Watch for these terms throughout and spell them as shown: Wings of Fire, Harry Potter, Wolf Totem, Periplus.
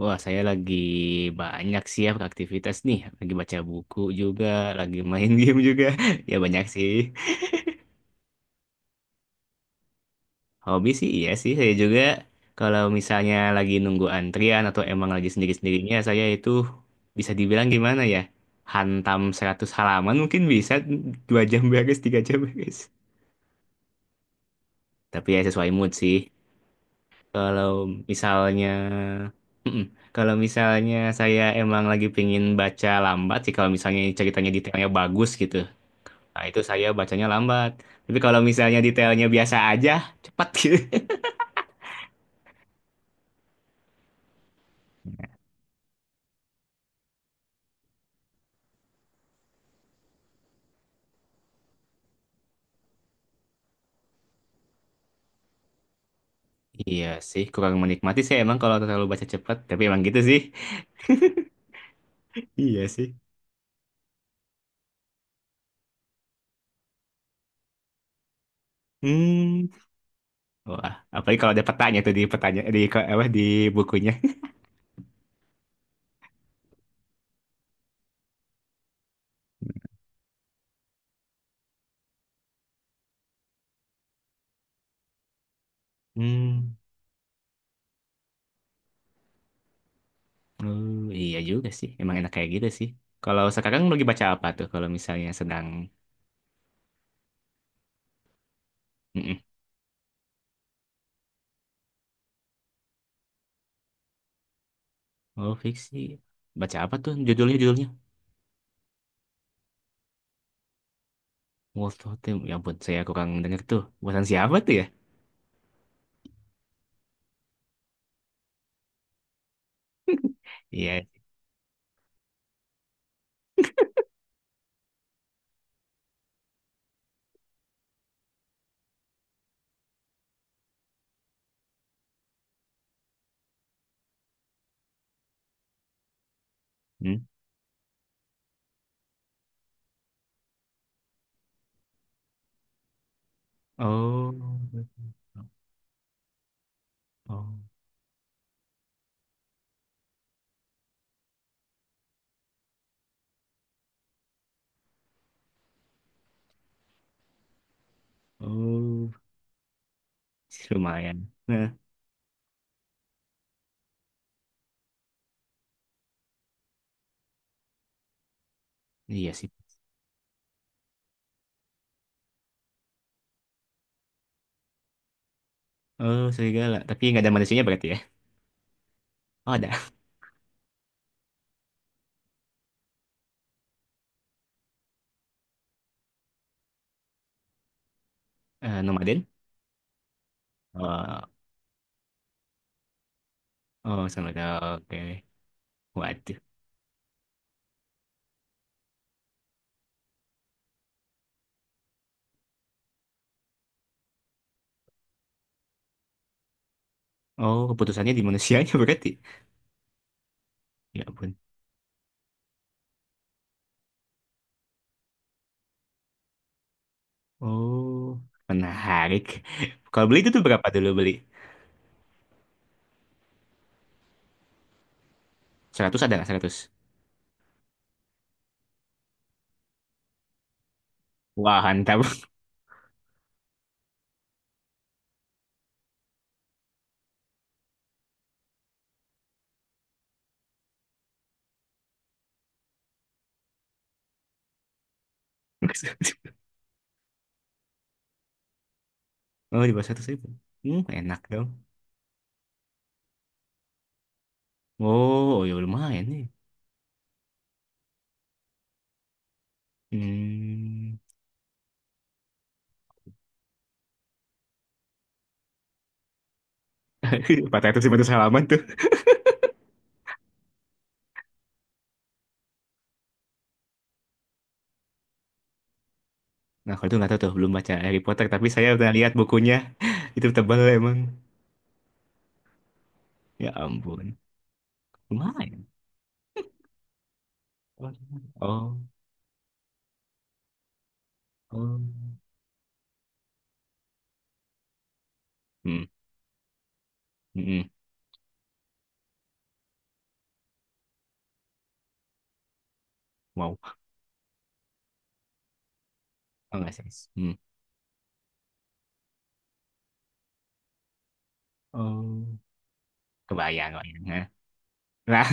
Wah, saya lagi banyak sih ya aktivitas nih. Lagi baca buku juga, lagi main game juga. Ya banyak sih. Hobi sih iya sih saya juga. Kalau misalnya lagi nunggu antrian atau emang lagi sendiri-sendirinya, saya itu bisa dibilang gimana ya? Hantam 100 halaman mungkin bisa 2 jam beres, 3 jam beres. Tapi ya sesuai mood sih. Kalau misalnya. Mm-mm. Kalau misalnya saya emang lagi pengen baca lambat sih, kalau misalnya ceritanya detailnya bagus gitu. Nah, itu saya bacanya lambat. Tapi kalau misalnya detailnya biasa aja, cepat gitu. Iya sih, kurang menikmati sih emang kalau terlalu baca cepat. Tapi emang gitu sih. Iya sih. Hmm. Wah, apalagi kalau ada petanya tuh di petanya di apa di bukunya. Hmm. Oh, iya juga sih. Emang enak kayak gitu sih. Kalau sekarang lagi baca apa tuh kalau misalnya sedang. Mm-mm. Oh, fiksi. Baca apa tuh judulnya judulnya? Wolf Totem. Ya ampun, saya kurang denger tuh. Buatan siapa tuh ya? Iya. Hmm. Oh, oh, oh, lumayan. Nah, iya sih. Oh, serigala. Tapi nggak ada manusianya berarti ya? Oh, ada. Eh, nomaden? Oh, oh, sama ada. Oke. Waduh. Oh, keputusannya di manusianya berarti. Ya ampun. Oh, menarik. Kalau beli itu tuh berapa dulu beli? 100, ada nggak 100? Wah, mantap. Oh, di bawah 100 ribu. Hmm, enak dong. Oh, oh ya lumayan nih. Hmm. 400 halaman tuh. Nah, kalau itu nggak tahu tuh, belum baca Harry Potter, tapi saya udah lihat bukunya. Itu tebal emang. Ya ampun. Lumayan. Oh, oh. Hmm, hmm, hmm. Wow. Oh, nggak sih. Hmm. Oh, kebayang, kebayang. Nah. Nah.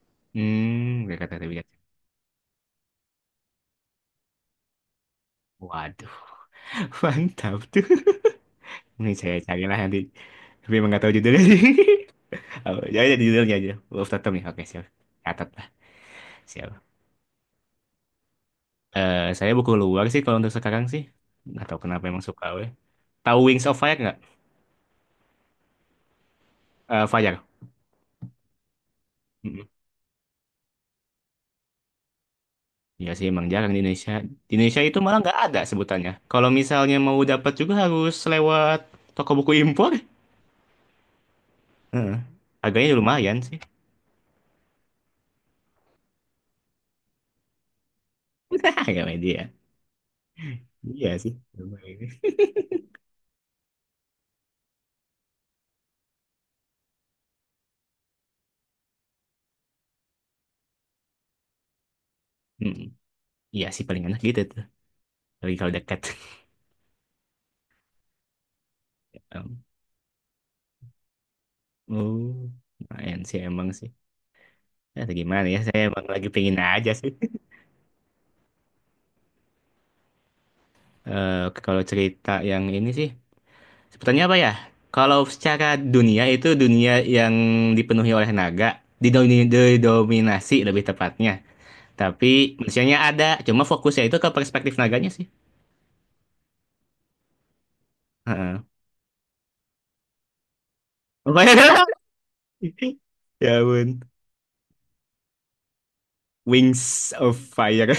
hmm, nggak kata tapi nggak. Waduh, mantap tuh. Ini saya carilah nanti. Tapi emang nggak tahu judulnya. Oh, ya, ya, judulnya aja. Wolf Totem ya. Oke, siap. Catat lah. Siap. Eh, saya buku luar sih kalau untuk sekarang sih. Nggak tahu kenapa emang suka. Weh. Tahu Wings of Fire nggak? Eh, Fajar. Mm-mm. Iya sih emang jarang di Indonesia. Di Indonesia itu malah nggak ada sebutannya. Kalau misalnya mau dapat juga harus lewat toko buku impor. Heeh. Harganya lumayan sih. Gak media. Iya sih. Lumayan. Mm-mm. Iya sih paling enak gitu tuh. Lagi kalau dekat. Em, Oh, lumayan sih emang sih. Ya, gimana ya? Saya emang lagi pengen aja sih. Eh, kalau cerita yang ini sih. Sebutannya apa ya? Kalau secara dunia itu dunia yang dipenuhi oleh naga, didominasi lebih tepatnya. Tapi manusianya ada, cuma fokusnya itu ke perspektif naganya sih. Heeh. Ya ampun. Wings of Fire.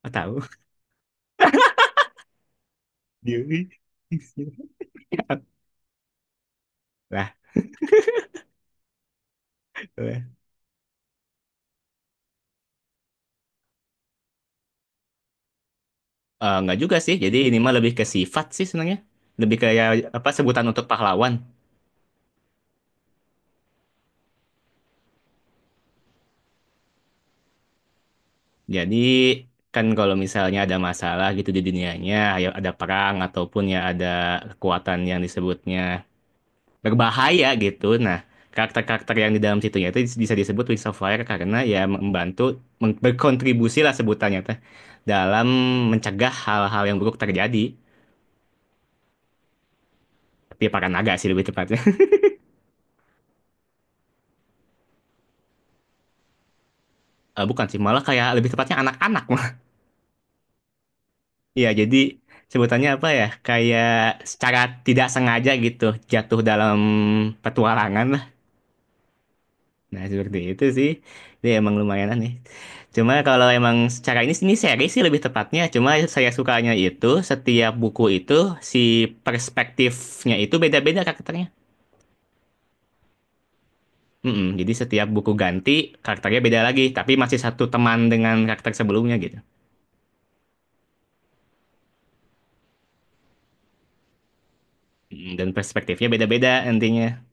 Nggak tahu. Dia- Lah, lah. Eh, nggak juga sih. Jadi ini mah lebih ke sifat sih sebenarnya. Lebih kayak apa sebutan untuk pahlawan. Jadi kan kalau misalnya ada masalah gitu di dunianya, ya ada perang ataupun ya ada kekuatan yang disebutnya berbahaya gitu. Nah, karakter-karakter yang di dalam situnya itu bisa disebut Wings of Fire karena ya membantu berkontribusi lah sebutannya teh dalam mencegah hal-hal yang buruk terjadi. Tapi para naga sih lebih tepatnya. Eh, bukan sih, malah kayak lebih tepatnya anak-anak. mah. Iya, jadi sebutannya apa ya? Kayak secara tidak sengaja gitu jatuh dalam petualangan. Nah, seperti itu sih. Dia emang lumayan aneh. Cuma kalau emang secara ini seri sih lebih tepatnya. Cuma saya sukanya itu setiap buku itu si perspektifnya itu beda-beda karakternya. Mm-mm, jadi setiap buku ganti karakternya beda lagi, tapi masih satu teman dengan karakter sebelumnya gitu. Mm, dan perspektifnya beda-beda nantinya.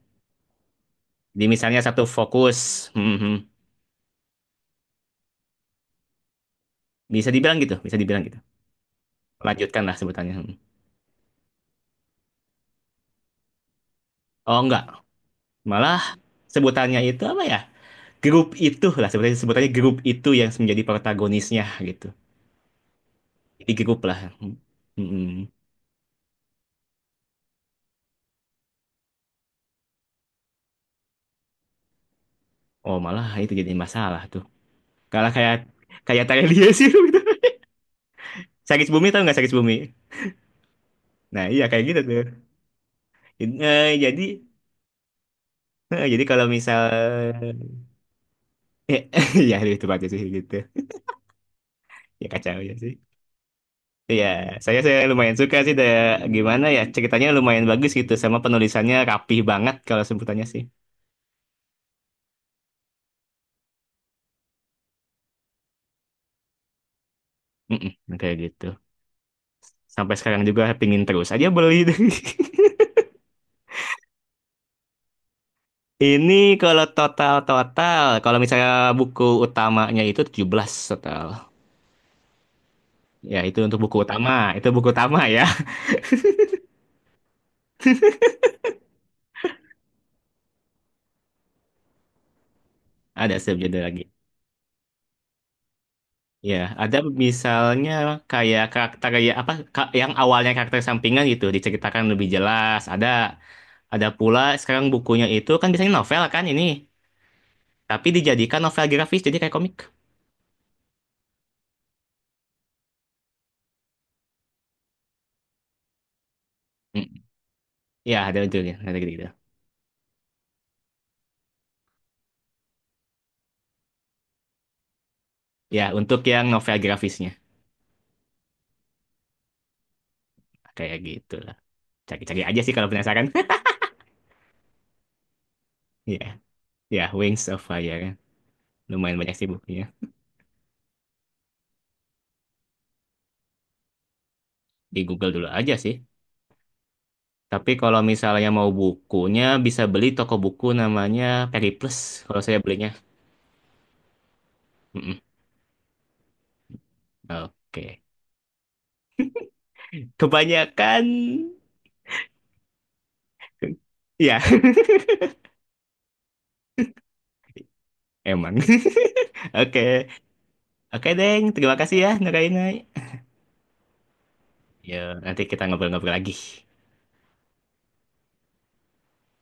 Jadi misalnya satu fokus, mhm. Bisa dibilang gitu, bisa dibilang gitu. Lanjutkanlah sebutannya. Mm. Oh enggak, malah sebutannya itu apa ya? Grup itu lah sebenarnya sebutannya, grup itu yang menjadi protagonisnya gitu, di grup lah. Mm-mm. Oh, malah itu jadi masalah tuh kalau kayak kayak tanya dia, sih gitu. Sakit bumi, tau nggak? Sakit bumi. Nah iya kayak gitu tuh. Jadi, kalau misal, eh, ya itu aja sih gitu. Ya kacau ya sih. Iya, saya lumayan suka sih da, gimana ya, ceritanya lumayan bagus gitu sama penulisannya rapih banget kalau sebutannya sih. Mm-mm, kayak gitu. Sampai sekarang juga pingin terus aja beli. Ini kalau total-total, kalau misalnya buku utamanya itu 17 total. Ya, itu untuk buku utama. Itu buku utama ya. Ada subjudul lagi. Ya, ada misalnya kayak karakter kayak apa yang awalnya karakter sampingan gitu diceritakan lebih jelas. Ada pula sekarang bukunya itu kan biasanya novel kan ini, tapi dijadikan novel grafis jadi kayak komik. Mm. Ya, ada judulnya, ada gitu-gitu. Ya, untuk yang novel grafisnya kayak gitu lah. Cari-cari aja sih kalau penasaran. Ya, Wings of Fire kan. Lumayan banyak sih bukunya. Di Google dulu aja sih. Tapi kalau misalnya mau bukunya, bisa beli toko buku namanya Periplus. Kalau saya belinya. Mm-mm. Oke. Kebanyakan... Ya, emang. Oke. Oke, Deng. Terima kasih ya, Nurainai. Ya, nanti kita ngobrol-ngobrol lagi.